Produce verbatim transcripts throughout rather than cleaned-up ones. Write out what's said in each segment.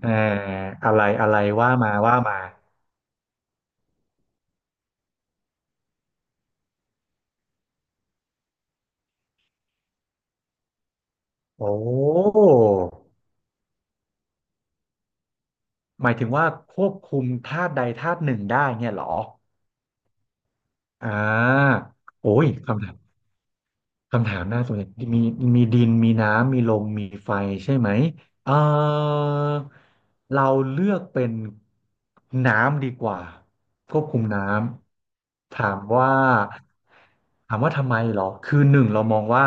เอ่ออะไรอะไรว่ามาว่ามาโอ้หมายถึงว่าควบคุมธาตุใดธาตุหนึ่งได้เนี่ยเหรออ่าโอ้ยคำถาม คำถามหน้าส่วนใหญ่มีมีดินมีน้ำมีลมมีไฟใช่ไหมเออเราเลือกเป็นน้ำดีกว่าควบคุมน้ำถามว่าถามว่าทำไมเหรอคือหนึ่งเรามองว่า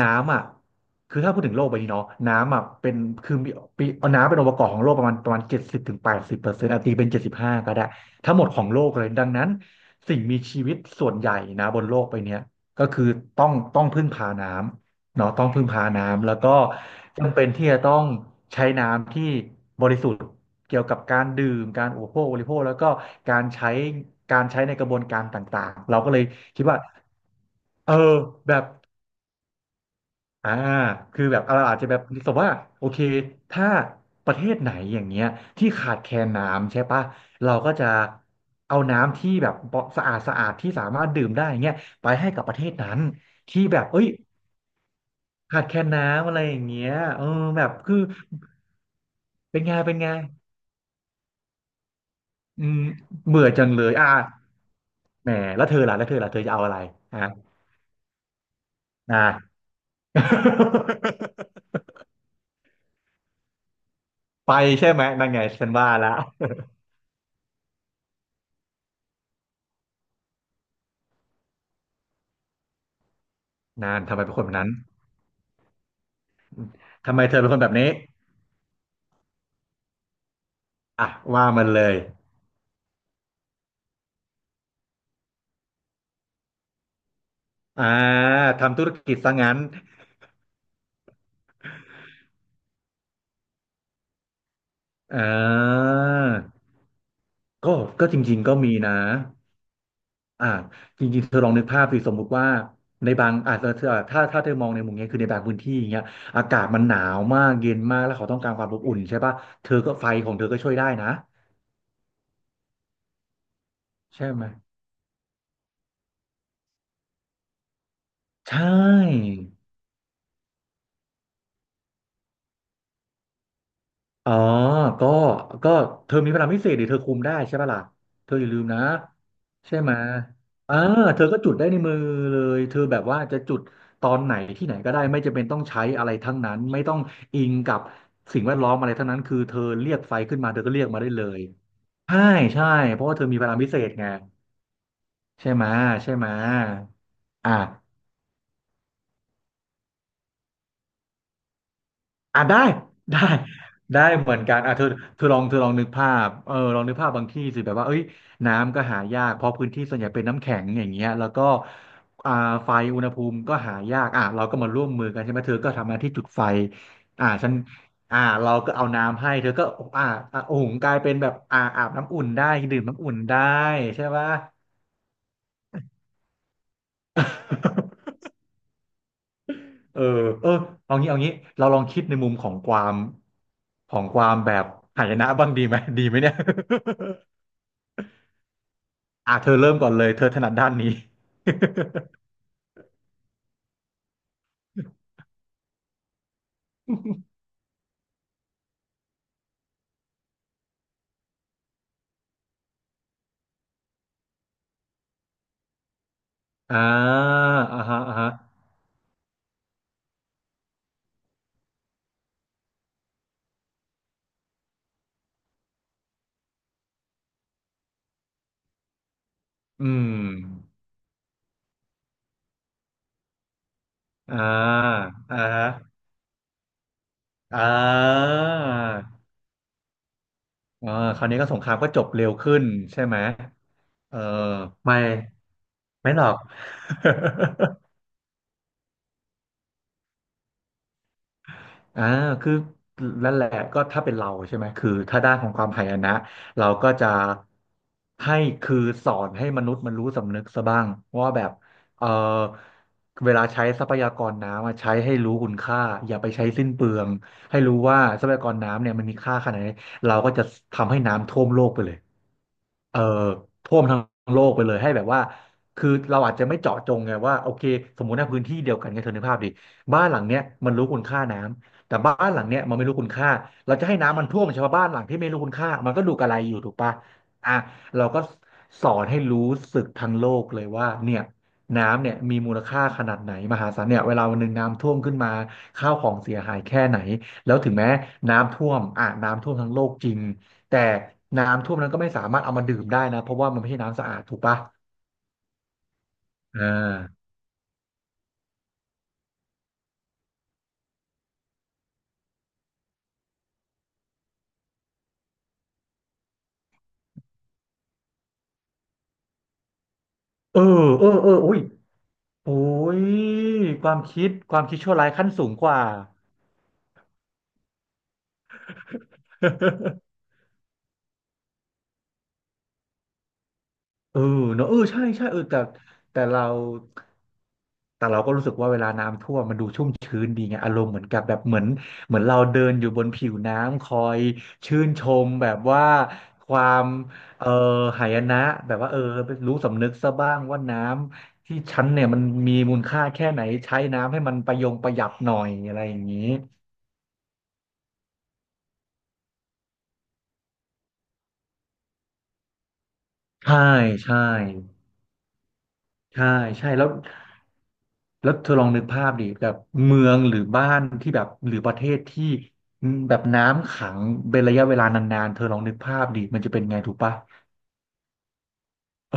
น้ำอ่ะคือถ้าพูดถึงโลกใบนี้เนาะน้ำอ่ะเป็นคือมีปีเอาน้ำเป็นองค์ประกอบของโลกประมาณประมาณเจ็ดสิบถึงแปดสิบเปอร์เซ็นต์ตีเป็นเจ็ดสิบห้าก็ได้ทั้งหมดของโลกเลยดังนั้นสิ่งมีชีวิตส่วนใหญ่นะบนโลกใบเนี้ย ก็คือต้องต้องพึ่งพาน้ำเนาะต้องพึ่งพาน้ำแล้วก็จำเป็นที่จะต้องใช้น้ำที่บริสุทธิ์เกี่ยวกับการดื่มการอุปโภคบริโภคแล้วก็การใช้การใช้ในกระบวนการต่างๆเราก็เลยคิดว่าเออแบบ อ่าคือแบบเราอาจจะแบบสมมติว่าโอเคถ้าประเทศไหนอย่างเงี้ยที่ขาดแคลนน้ำใช่ปะเราก็จะเอาน้ำที่แบบสะอาดสะอาดที่สามารถดื่มได้เงี้ยไปให้กับประเทศนั้นที่แบบเอ้ยขาดแคลนน้ำอะไรอย่างเงี้ยเออแบบคือเป็นไงเป็นไงอืมเบื่อจังเลยอ่าแหมแล้วเธอล่ะแล้วเธอล่ะเธอจะเอาอะไรอ่ะอ่า ไปใช่ไหมนั่นไงฉันว่าละนานทำไมเป็นคนแบบนั้นทำไมเธอเป็นคนแบบนี้ อ่ะว่ามันเลยอ่าทำธุรกิจซะงั้นอ่าก็ก็จริงๆก็มีนะอ่าจริงๆเธอลองนึกภาพสิสมมุติว่าในบางอาจจะเธอถ้าถ้าเธอมองในมุมเนี้ยคือในบางพื้นที่อย่างเงี้ยอากาศมันหนาวมากเย็นมากแล้วเขาต้องการความอบอุ่นใช่ป่ะเธอก็ไฟของเธอก็ช่วยได้นะใช่ไหมใช่ อ๋อก็ก็เธอมีพลังพิเศษดิเธอคุมได้ใช่ปะล่ะเธออย่าลืมนะใช่ไหมเออเธอก็จุดได้ในมือเลย เธอแบบว่าจะจุดตอนไหนที่ไหนก็ได้ไม่จำเป็นต้องใช้อะไรทั้งนั้นไม่ต้องอิงกับสิ่งแวดล้อมอะไรทั้งนั้นคือเธอเรียกไฟขึ้นมาเธอก็เรียกมาได้เลย ใช่ใช่เพราะว่าเธอมีพลังพิเศษไงใช่ไหมใช่ไหมอ่ะ อ่ะได้ได้ได้เหมือนกันอ่ะเธอเธอลองเธอลองนึกภาพเออลองนึกภาพบางที่สิแบบว่าเอ้ยน้ำก็หายากเพราะพื้นที่ส่วนใหญ่เป็นน้ำแข็งอย่างเงี้ยแล้วก็อ่าไฟอุณหภูมิก็หายากอ่ะเราก็มาร่วมมือกันใช่ไหมเธอก็ทำหน้าที่จุดไฟอ่าฉันอ่าเราก็เอาน้ำให้เธอก็อ่าอ่าหุงกลายเป็นแบบอ่าอาบน้ำอุ่นได้ดื่มน้ำอุ่นได้ใช่ปะ เออเออเอางี้เอางี้ เราลองคิดในมุมของความของความแบบหายนะบ้างดีไหม ดีไหมเนี่ย อ่ะเธอเริ่มก่อนเลย เธอถนัดด้านนี้ อ่าอ่าฮะอ่าฮะอืมอ่าอ่าฮะอ่าอ่าคราวนี้ก็สงครามก็จบเร็วขึ้นใช่ไหมเออไม่ไม่หรอก อ่าคือนั่นแหละก็ถ้าเป็นเราใช่ไหมคือถ้าด้านของความหายนะเราก็จะให้คือสอนให้มนุษย์มันรู้สำนึกซะบ้างว่าแบบเออเวลาใช้ทรัพยากรน้ำอะใช้ให้รู้คุณค่าอย่าไปใช้สิ้นเปลืองให้รู้ว่าทรัพยากรน้ำเนี่ยมันมีค่าขนาดไหนเราก็จะทำให้น้ำท่วมโลกไปเลยเอ่อท่วมทั้งโลกไปเลยให้แบบว่าคือเราอาจจะไม่เจาะจงไงว่าโอเคสมมุติในพื้นที่เดียวกันไงเธอนึกภาพดิบ้านหลังเนี้ยมันรู้คุณค่าน้ำ แต่บ้านหลังเนี้ยมันไม่รู้คุณค่าเราจะให้น้ำมันท่วมชาวบ้านหลังที่ไม่รู้คุณค่ามันก็ดูกระไรอยู่ถูกปะอ่ะเราก็สอนให้รู้สึกทั้งโลกเลยว่าเนี่ยน้ำเนี่ยมีมูลค่าขนาดไหนมหาศาลเนี่ยเวลาวันหนึ่งน้ำท่วมขึ้นมาข้าวของเสียหายแค่ไหนแล้วถึงแม้น้ำท่วมอ่ะน้ำท่วมทั้งโลกจริงแต่น้ำท่วมนั้นก็ไม่สามารถเอามาดื่มได้นะเพราะว่ามันไม่ใช่น้ำสะอาดถูกปะอ่าเออเออเออโอ้ยโอ้ยความคิดความคิดชั่วร้ายขั้นสูงกว่า เออเนอะเออใช่ใช่เออแต่แต่เราแต่เราก็รู้สึกว่าเวลาน้ำท่วมมันดูชุ่มชื้นดีไงอารมณ์เหมือนกับแบบเหมือนเหมือนเราเดินอยู่บนผิวน้ำคอยชื่นชมแบบว่าความเออหายนะแบบว่าเออรู้สำนึกซะบ้างว่าน้ำที่ฉันเนี่ยมันมีมูลค่าแค่ไหนใช้น้ำให้มันประยงประหยัดหน่อยอะไรอย่างนี้ใช่ใช่ ใช่ใช่แล้วแล้วเธอลองนึกภาพดิแบบเมืองหรือบ้านที่แบบหรือประเทศที่แบบน้ำขังเป็นระยะเวลานานๆเธอลองนึกภาพดิมันจะเป็นไงถูกปะเออ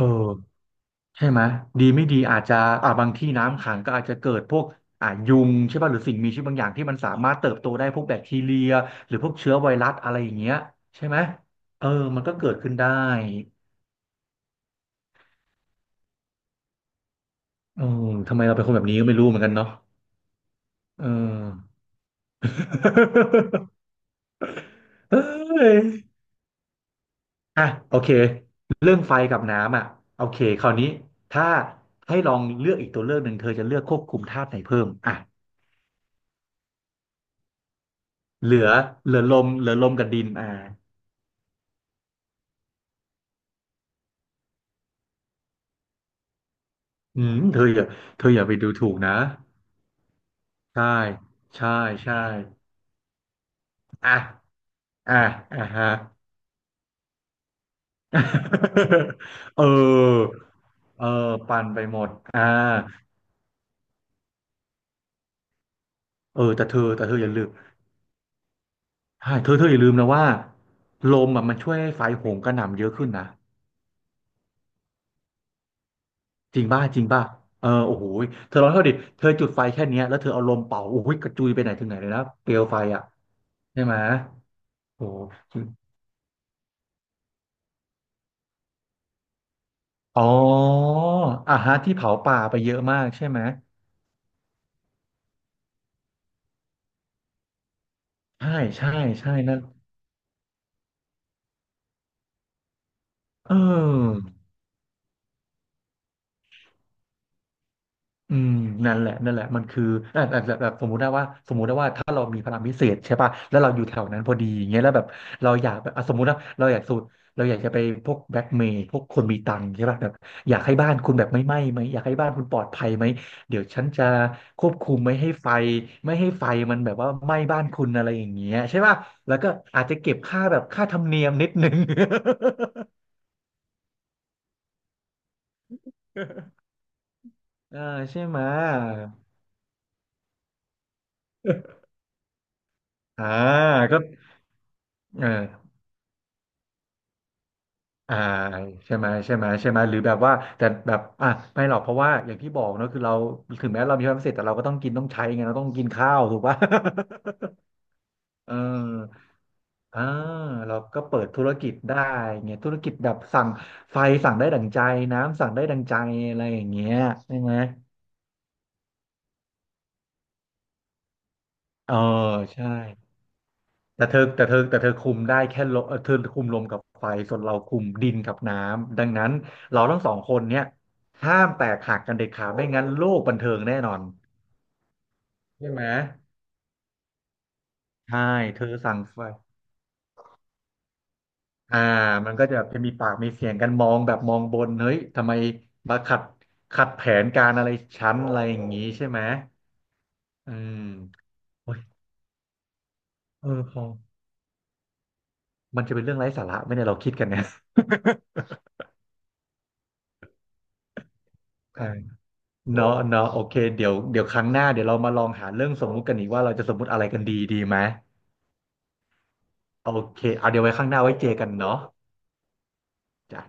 ใช่ไหมดีไม่ดีอาจจะอ่าบางที่น้ำขังก็อาจจะเกิดพวกอ่ายุงใช่ป่ะหรือสิ่งมีชีวิตบางอย่างที่มันสามารถเติบโตได้พวกแบคทีเรียหรือพวกเชื้อไวรัสอะไรอย่างเงี้ยใช่ไหมเออมันก็เกิดขึ้นได้เออทำไมเราเป็นคนแบบนี้ก็ไม่รู้เหมือนกันเนาะเออ เอ้ยอ่ะโอเคเรื่องไฟกับน้ำอ่ะโอเคคราวนี้ถ้าให้ลองเลือกอีกตัวเลือกหนึ่งเธอจะเลือกควบคุมธาตุไหนเพิ่มอ่ะเหลือเหลือลมเหลือลมกับดินอ่าอืมเธออย่าเธออย่าไปดูถูกนะใช่ใช่ใช่อ่ะอ่ะอ่ะฮะ เออเออปั่นไปหมดอ่าเออแต่เธอแต่เธออย่าลืมใช่เธอเธออย่าลืมนะว่าลมอ่ะมันช่วยให้ไฟโหมกระหน่ำเยอะขึ้นนะ จริงป่ะจริงป่ะเออโอ้โหเธอลองเท่าดิเธอจุดไฟแค่เนี้ยแล้วเธอเอาลมเป่าโอ้โหกระจุยไปไหนถึงไหนเลยนะเปลวไฟอ่ะใช่ไหมโอ้โหอ๋ออ่าฮะที่เผาป่าไปเยอะมากใช่ไหมใช่ใช่ใช่นั่นเออ อืมนั่นแหละนั่นแหละมันคืออ่ะอ่ะแบบแบบสมมุติได้ว่าสมมุติได้ว่าถ้าเรามีพลังพิเศษใช่ป่ะแล้วเราอยู่แถวนั้นพอดีอย่างเงี้ยแล้วแบบเราอยากแบบอ่ะสมมุตินะเราอยากสูดเราอยากจะไปพวกแบล็กเมย์พวกคนมีตังค์ใช่ป่ะแบบอยากให้บ้านคุณแบบไม่ไหม้ไหมอยากให้บ้านคุณปลอดภัยไหมเดี๋ยวฉันจะควบคุมไม่ให้ไฟไม่ให้ไฟมันแบบว่าไหม้บ้านคุณอะไรอย่างเงี้ยใช่ป่ะแล้วก็อาจจะเก็บค่าแบบค่าธรรมเนียมนิดนึง เออใช่ไหมยอ่าก็เออ อ่าใช่ไหมใช่ไหมใช่ไหมหรือแบบว่าแต่แบบอ่ะไม่หรอกเพราะว่าอย่างที่บอกเนอะคือเราถึงแม้เรามีความพิเศษแต่เราก็ต้องกินต้องใช้ไงเราต้องกินข้าวถูกปะ เอออ่าเราก็เปิดธุรกิจได้ไงธุรกิจแบบสั่งไฟสั่งได้ดั่งใจน้ำสั่งได้ดั่งใจอะไรอย่างเงี้ยใช่ไหมเออใช่ แต่เธอแต่เธอแต่เธอคุมได้แค่ลมเอ่อเธอคุมลมกับไฟส่วนเราคุมดินกับน้ำดังนั้นเราทั้งสองคนเนี่ยห้ามแตกหักกันเด็ดขาดไม่งั้นโลกบันเทิงแน่นอนใช่ไหมใช่เธอสั่งไฟอ่ามันก็จะจะมีปากมีเสียงกันมองแบบมองบนเฮ้ยทำไมมาขัดขัดแผนการอะไรชั้นอะไรอย่างนี้ใช่ไหมอืมโอ้ยเออพอมันจะเป็นเรื่องไร้สาระไหมเนี่ยเราคิดกันเนี่ย อ่า เนาะเนาะโอเคเดี๋ยวเดี๋ยวครั้งหน้าเดี๋ยวเรามาลองหาเรื่องสมมุติกันอีกว่าเราจะสมมุติอะไรกันดีดีไหมโอเคเอาเดี๋ยวไว้ข้างหน้าไว้เจอกันเนาะจ้ะ